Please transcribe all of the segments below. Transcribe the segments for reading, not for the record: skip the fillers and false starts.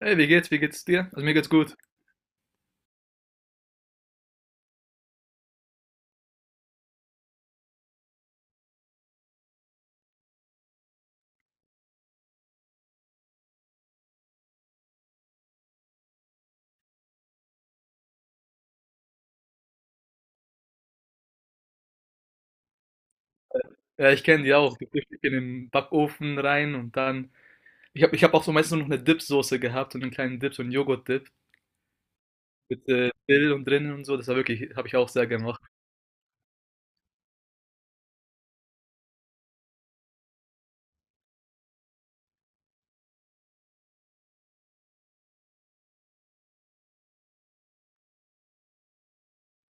Hey, wie geht's? Wie geht's dir? Also mir geht's gut. Ja, ich kenne die auch. Die Frühstück in den Backofen rein und dann. Ich hab auch so meistens noch eine Dipsoße gehabt und einen kleinen Dip, so einen Joghurt-Dip mit Dill und drinnen und so. Das war wirklich, habe ich auch sehr gemacht.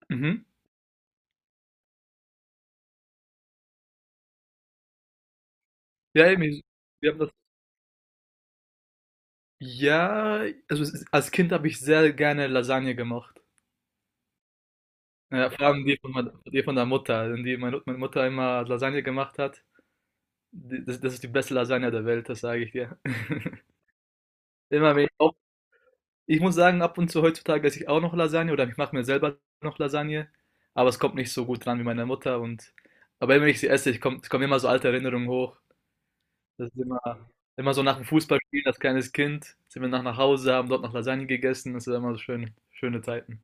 Mhm. Ja, eben, wir haben das. Ja, also als Kind habe ich sehr gerne Lasagne gemacht. Ja, vor allem die von, die von der Mutter, denn die meine Mutter immer Lasagne gemacht hat. Das ist die beste Lasagne der Welt, das sage ich dir. Immer wenn ich Ich muss sagen, ab und zu heutzutage esse ich auch noch Lasagne oder ich mache mir selber noch Lasagne, aber es kommt nicht so gut dran wie meine Mutter und aber wenn ich sie esse, es kommen immer so alte Erinnerungen hoch. Das ist immer, immer so nach dem Fußballspielen als kleines Kind, sind wir nach Hause, haben dort noch Lasagne gegessen, das sind immer so schöne, schöne Zeiten.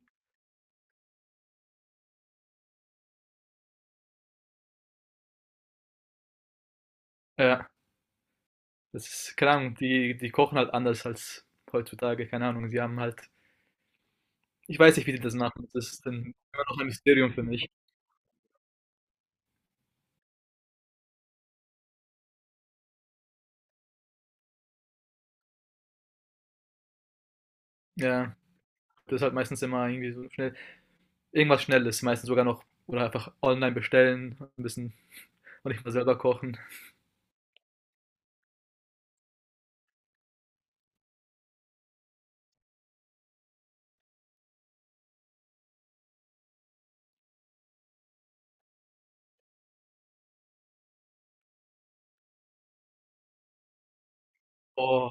Ja, das ist, keine Ahnung, die kochen halt anders als heutzutage, keine Ahnung, sie haben halt, ich weiß nicht, wie die das machen, das ist dann immer noch ein Mysterium für mich. Ja, das ist halt meistens immer irgendwie so schnell. Irgendwas Schnelles, meistens sogar noch. Oder einfach online bestellen, ein bisschen und nicht mal selber kochen. Oh,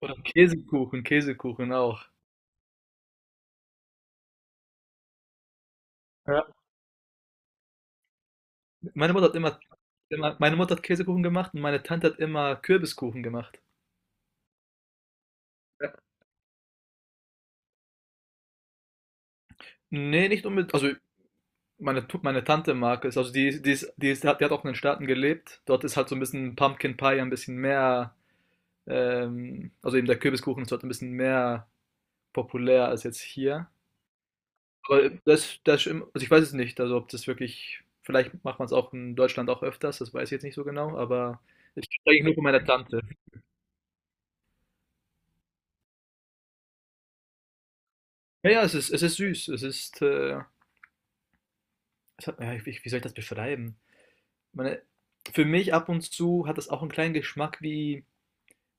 oder Käsekuchen, Käsekuchen auch. Ja. Meine Mutter hat immer, immer, meine Mutter hat Käsekuchen gemacht und meine Tante hat immer Kürbiskuchen gemacht. Ja. Nee, nicht unbedingt. Also meine, meine Tante mag es. Also die auch in den Staaten gelebt. Dort ist halt so ein bisschen Pumpkin Pie ein bisschen mehr, also eben der Kürbiskuchen ist dort ein bisschen mehr populär als jetzt hier. Aber das das also, ich weiß es nicht, also, ob das wirklich vielleicht macht man es auch in Deutschland auch öfters, das weiß ich jetzt nicht so genau, aber ich kenn's eigentlich nur von meiner Tante. Ja, ja, es ist süß. Es ist, es hat ja, wie soll ich das beschreiben? Ich meine, für mich ab und zu hat das auch einen kleinen Geschmack wie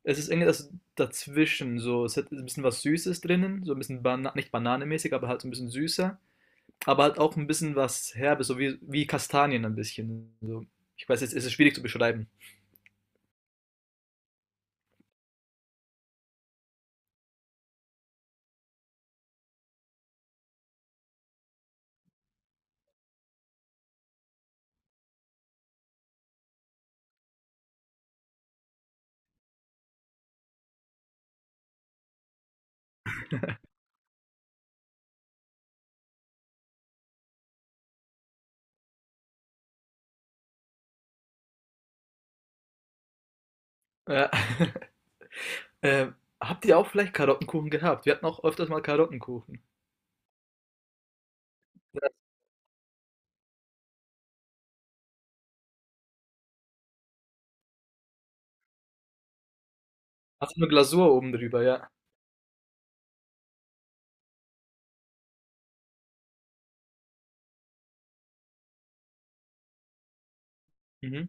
es ist irgendwas dazwischen so. Es hat ein bisschen was Süßes drinnen, so ein bisschen Bana nicht bananenmäßig, aber halt so ein bisschen süßer, aber halt auch ein bisschen was Herbes, so wie Kastanien ein bisschen so. Ich weiß jetzt, es ist schwierig zu beschreiben. Ja. Ähm, habt ihr auch vielleicht Karottenkuchen gehabt? Wir hatten auch öfters mal Karottenkuchen. Ja. Hast du eine Glasur oben drüber, ja. Mhm.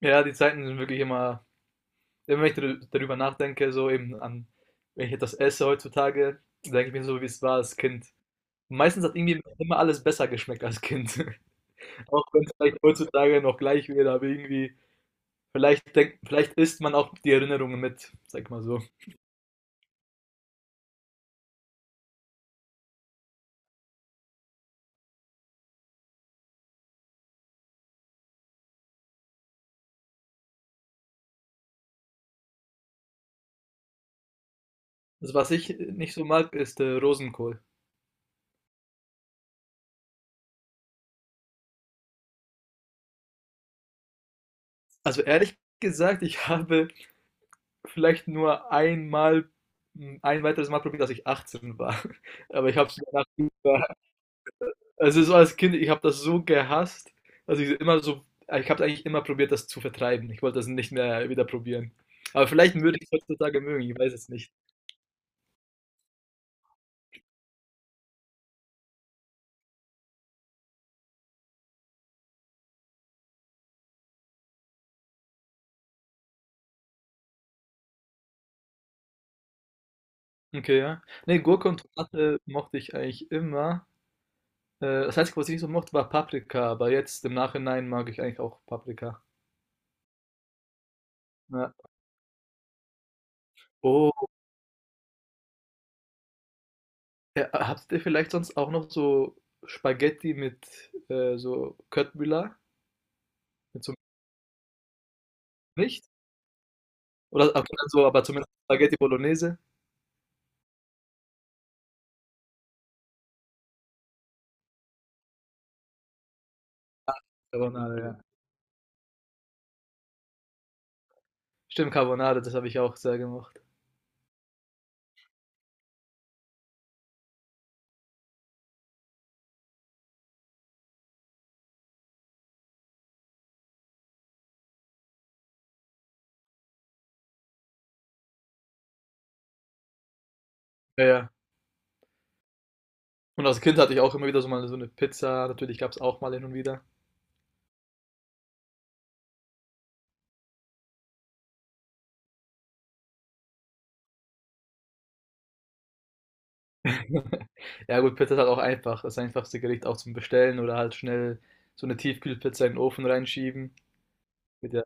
Ja, die Zeiten sind wirklich immer, immer wenn ich darüber nachdenke, so eben an, wenn ich etwas esse heutzutage, denke ich mir so, wie es war als Kind. Meistens hat irgendwie immer alles besser geschmeckt als Kind. Auch wenn es vielleicht heutzutage noch gleich wäre, aber irgendwie, vielleicht isst man auch die Erinnerungen mit, sag ich mal so. Also was ich nicht so mag, ist Rosenkohl. Also ehrlich gesagt, ich habe vielleicht nur einmal ein weiteres Mal probiert, als ich 18 war. Aber ich habe es danach über also, so als Kind, ich habe das so gehasst, also ich immer so ich habe eigentlich immer probiert, das zu vertreiben. Ich wollte das nicht mehr wieder probieren. Aber vielleicht würde ich es heutzutage mögen, ich weiß es nicht. Okay, ja. Nee, Gurke und Tomate mochte ich eigentlich immer. Das Einzige, was ich nicht so mochte, war Paprika, aber jetzt im Nachhinein mag ich eigentlich auch Paprika. Ja. Oh. Ja, habt ihr vielleicht sonst auch noch so Spaghetti mit so Köttbullar? Mit so nicht? Oder okay, dann so, aber zumindest Spaghetti Bolognese. Carbonara, ja. Stimmt, Carbonade, das habe ich auch sehr gemacht. Ja, ja. Und als Kind hatte ich auch immer wieder so mal so eine Pizza. Natürlich gab es auch mal hin und wieder. Ja, gut, Pizza ist halt auch einfach. Das einfachste Gericht auch zum Bestellen oder halt schnell so eine Tiefkühlpizza in den Ofen reinschieben. Geht ja.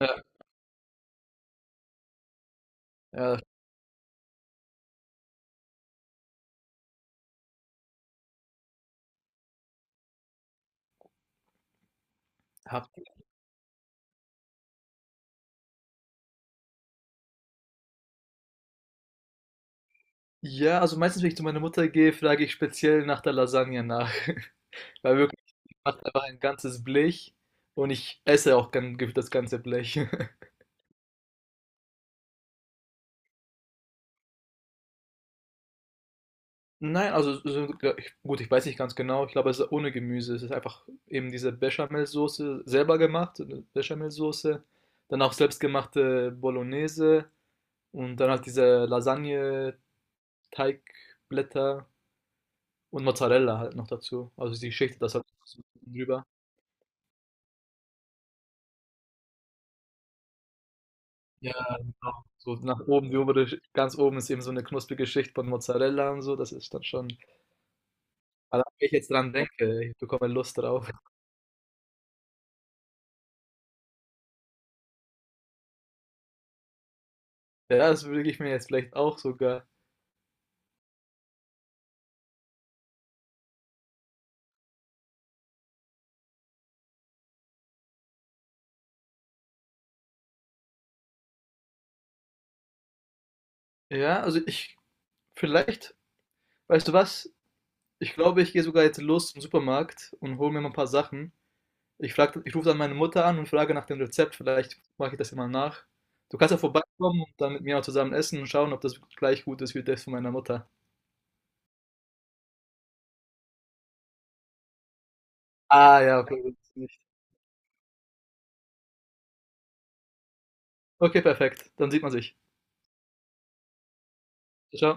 Ja, ja, habt ja, also meistens, wenn ich zu meiner Mutter gehe, frage ich speziell nach der Lasagne nach. Weil wirklich, ich mache einfach ein ganzes Blech und ich esse auch gern das ganze Blech. Nein, also so, ja, ich, gut, ich weiß nicht ganz genau. Ich glaube, es ist ohne Gemüse. Es ist einfach eben diese Bechamelsoße selber gemacht, so eine Bechamelsoße, dann auch selbstgemachte Bolognese und dann halt diese Lasagne-Teigblätter und Mozzarella halt noch dazu. Also sie schichtet das halt so drüber. Ja, genau. So nach oben, die obere, ganz oben ist eben so eine knusprige Schicht von Mozzarella und so. Das ist dann schon. Aber wenn ich jetzt dran denke, ich bekomme Lust drauf. Ja, das würde ich mir jetzt vielleicht auch sogar. Ja, also ich, vielleicht, weißt du was? Ich glaube, ich gehe sogar jetzt los zum Supermarkt und hole mir mal ein paar Sachen. Ich rufe dann meine Mutter an und frage nach dem Rezept, vielleicht mache ich das ja mal nach. Du kannst ja vorbeikommen und dann mit mir auch zusammen essen und schauen, ob das gleich gut ist wie das von meiner Mutter. Ah ja, okay, das ist nicht. Okay, perfekt. Dann sieht man sich. Ciao.